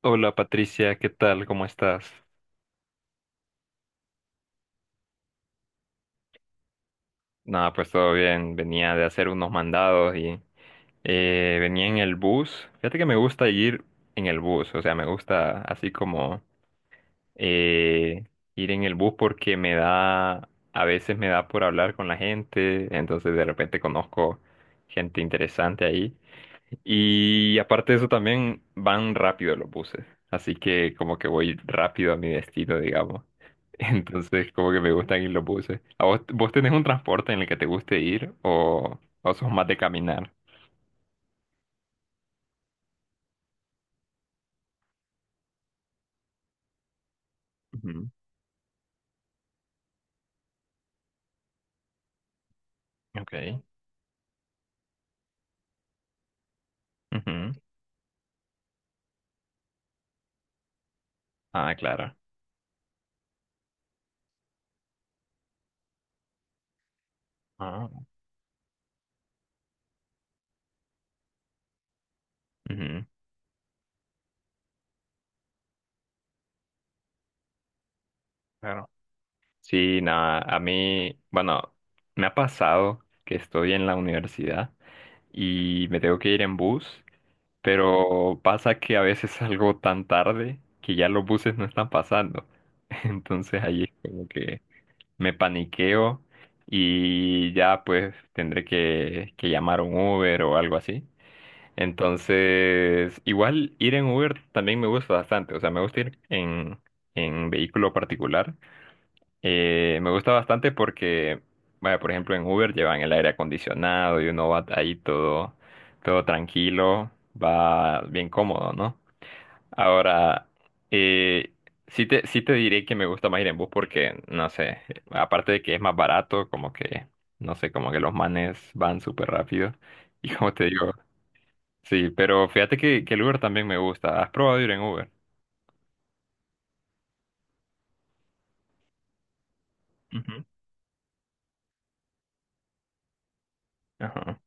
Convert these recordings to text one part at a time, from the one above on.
Hola Patricia, ¿qué tal? ¿Cómo estás? Nada, pues todo bien. Venía de hacer unos mandados y venía en el bus. Fíjate que me gusta ir en el bus, o sea, me gusta así como eh, ir en el bus porque me da, a veces me da por hablar con la gente, entonces de repente conozco gente interesante ahí. Y aparte de eso también van rápido los buses, así que como que voy rápido a mi destino, digamos. Entonces, como que me gusta ir lo puse. ¿A vos, vos tenés un transporte en el que te guste ir o sos más de caminar? Ujú. Ok. Ujú. Ah, claro. Ah. Ujú. Claro. Sí, nada, a mí, bueno, me ha pasado que estoy en la universidad y me tengo que ir en bus, pero pasa que a veces salgo tan tarde que ya los buses no están pasando. Entonces ahí es como que me paniqueo y ya pues tendré que llamar un Uber o algo así. Entonces, igual ir en Uber también me gusta bastante, o sea, me gusta ir en vehículo particular. Me gusta bastante porque, vaya, por ejemplo, en Uber llevan el aire acondicionado y uno va ahí todo, todo tranquilo, va bien cómodo, ¿no? Ahora, eh, sí te diré que me gusta más ir en bus porque, no sé, aparte de que es más barato, como que, no sé, como que los manes van súper rápido. Y como te digo, sí, pero fíjate que el Uber también me gusta. ¿Has probado ir en Uber? Ujú. Ajá.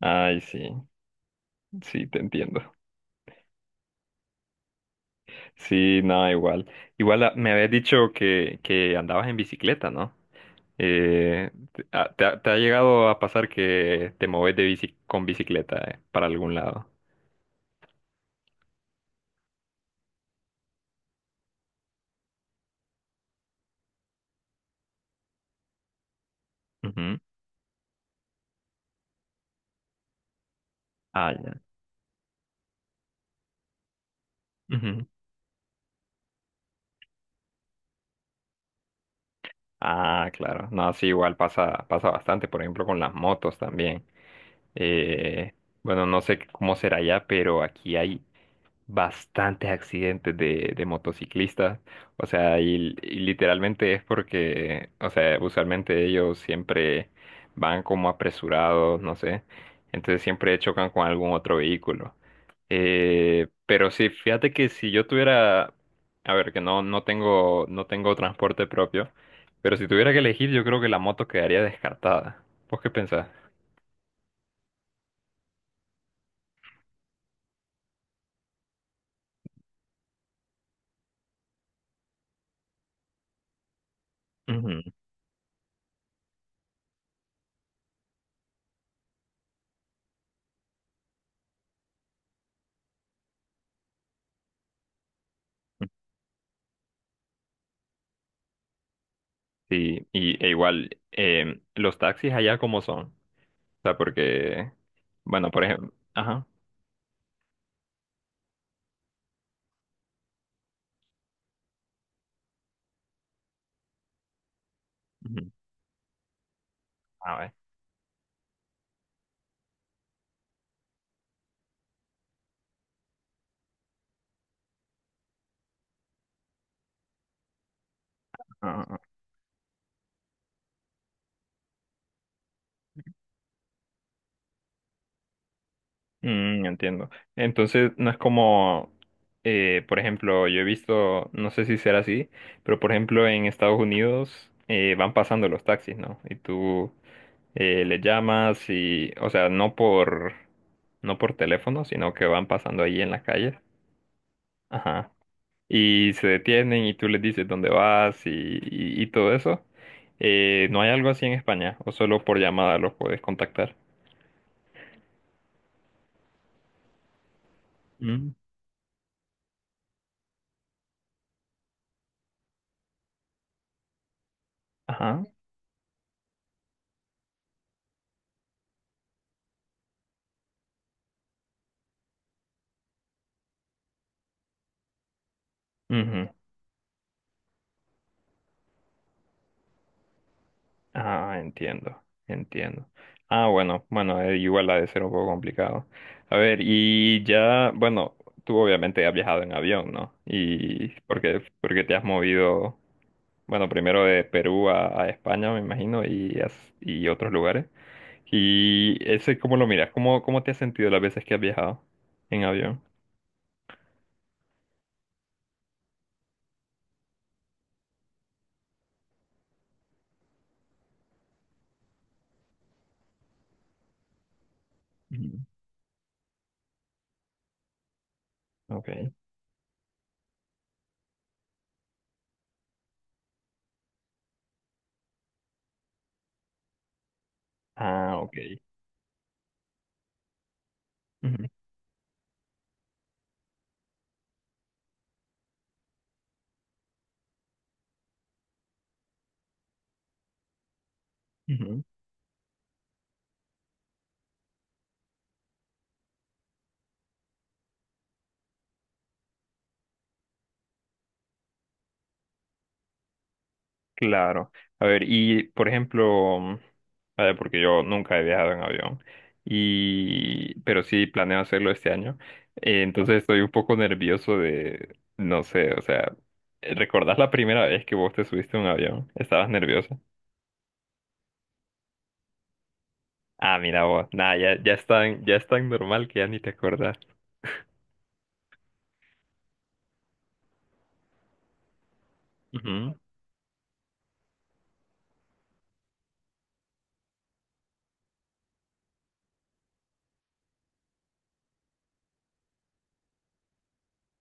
Ay, sí, sí, te entiendo. Sí, no, igual. Igual ah, me habías dicho que andabas en bicicleta, ¿no? Te ha llegado a pasar que te moves de bici, con bicicleta, para algún lado? Ujú. Ah, ya. Ujú. Ah, claro. No, sí, igual pasa, pasa bastante, por ejemplo, con las motos también. Eh, bueno, no sé cómo será allá, pero aquí hay bastantes accidentes de motociclistas. O sea, y literalmente es porque, o sea, usualmente ellos siempre van como apresurados, no sé. Entonces siempre chocan con algún otro vehículo. Pero sí, fíjate que si yo tuviera, a ver, que no, no tengo transporte propio. Pero si tuviera que elegir, yo creo que la moto quedaría descartada. ¿Vos qué pensás? Ujú. Sí, y igual, los taxis allá como son. O sea, porque, bueno, por ejemplo, ajá, ujú, a ver, ah, ah, ah. Mm, entiendo. Entonces, no es como, por ejemplo, yo he visto, no sé si será así, pero por ejemplo, en Estados Unidos van pasando los taxis, ¿no? Y tú le llamas y, o sea, no por teléfono, sino que van pasando ahí en la calle. Ajá. Y se detienen y tú les dices dónde vas y todo eso. ¿No hay algo así en España? ¿O solo por llamada los puedes contactar? Mm. Ajá. Ujú. Ah, entiendo, entiendo. Ah, bueno, bueno, igual ha de ser un poco complicado. A ver, y ya, bueno, tú obviamente has viajado en avión, ¿no? Y porque te has movido. Bueno, primero de Perú a España, me imagino, y otros lugares. ¿Y ese cómo lo miras? ¿Cómo, cómo te has sentido las veces que has viajado en avión? Ujú. Ok. Ah, ok. Ujú, ujú. Claro. A ver, y por ejemplo, mm, a ver, porque yo nunca he viajado en avión, y pero sí planeo hacerlo este año. Entonces estoy un poco nervioso de, no sé, o sea, ¿recordás la primera vez que vos te subiste a un avión? ¿Estabas nervioso? Ah, mira vos. Nada, ya es tan normal que ya ni te acordás. Ujú,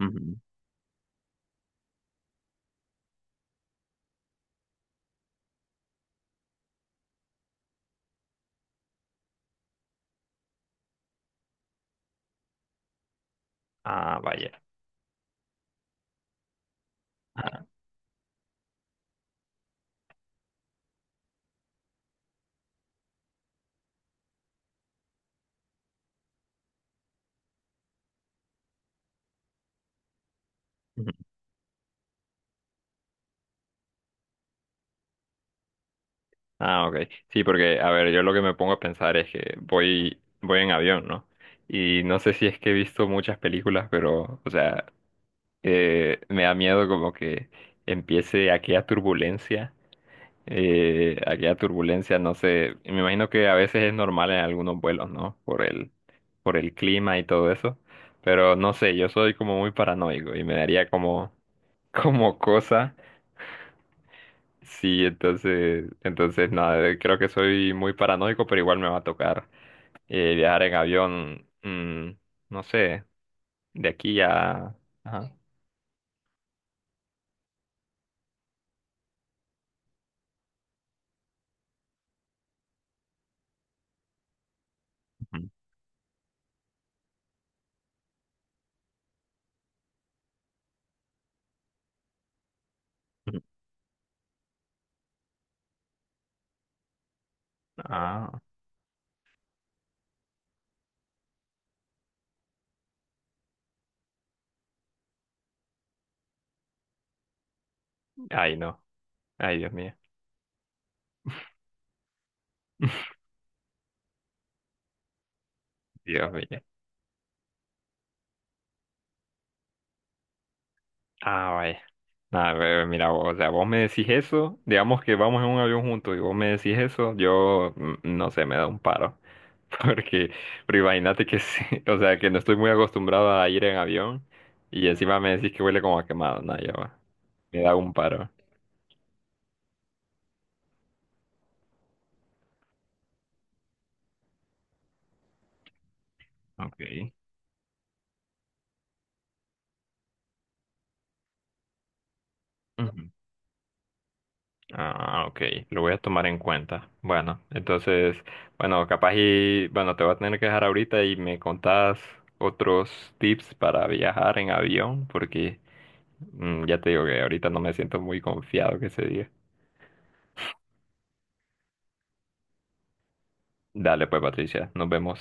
ujú. Ah, vaya. Ah, ujú. Ah, ok. Sí, porque, a ver, yo lo que me pongo a pensar es que voy, voy en avión, ¿no? Y no sé si es que he visto muchas películas, pero, o sea, me da miedo como que empiece aquella turbulencia. Aquella turbulencia, no sé, me imagino que a veces es normal en algunos vuelos, ¿no? Por el clima y todo eso, pero no sé, yo soy como muy paranoico y me daría como, como cosa, sí, entonces, entonces nada, creo que soy muy paranoico, pero igual me va a tocar viajar en avión, mm, no sé, de aquí a... Ajá. Ujú. Ah, ay no, ay Dios mío, Dios mío. Ah, vaya. Nada, pero mira, vos, o sea, vos me decís eso, digamos que vamos en un avión juntos y vos me decís eso, yo mm, no sé, me da un paro. Porque, pero imagínate que sí, o sea, que no estoy muy acostumbrado a ir en avión y encima me decís que huele como a quemado, nada, ya va. Me da un paro. Ok. Ujú. Ah, ok, lo voy a tomar en cuenta. Bueno, entonces, bueno, capaz y, bueno, te voy a tener que dejar ahorita y me contás otros tips para viajar en avión, porque mm, ya te digo que ahorita no me siento muy confiado que se diga. Dale pues, Patricia, nos vemos.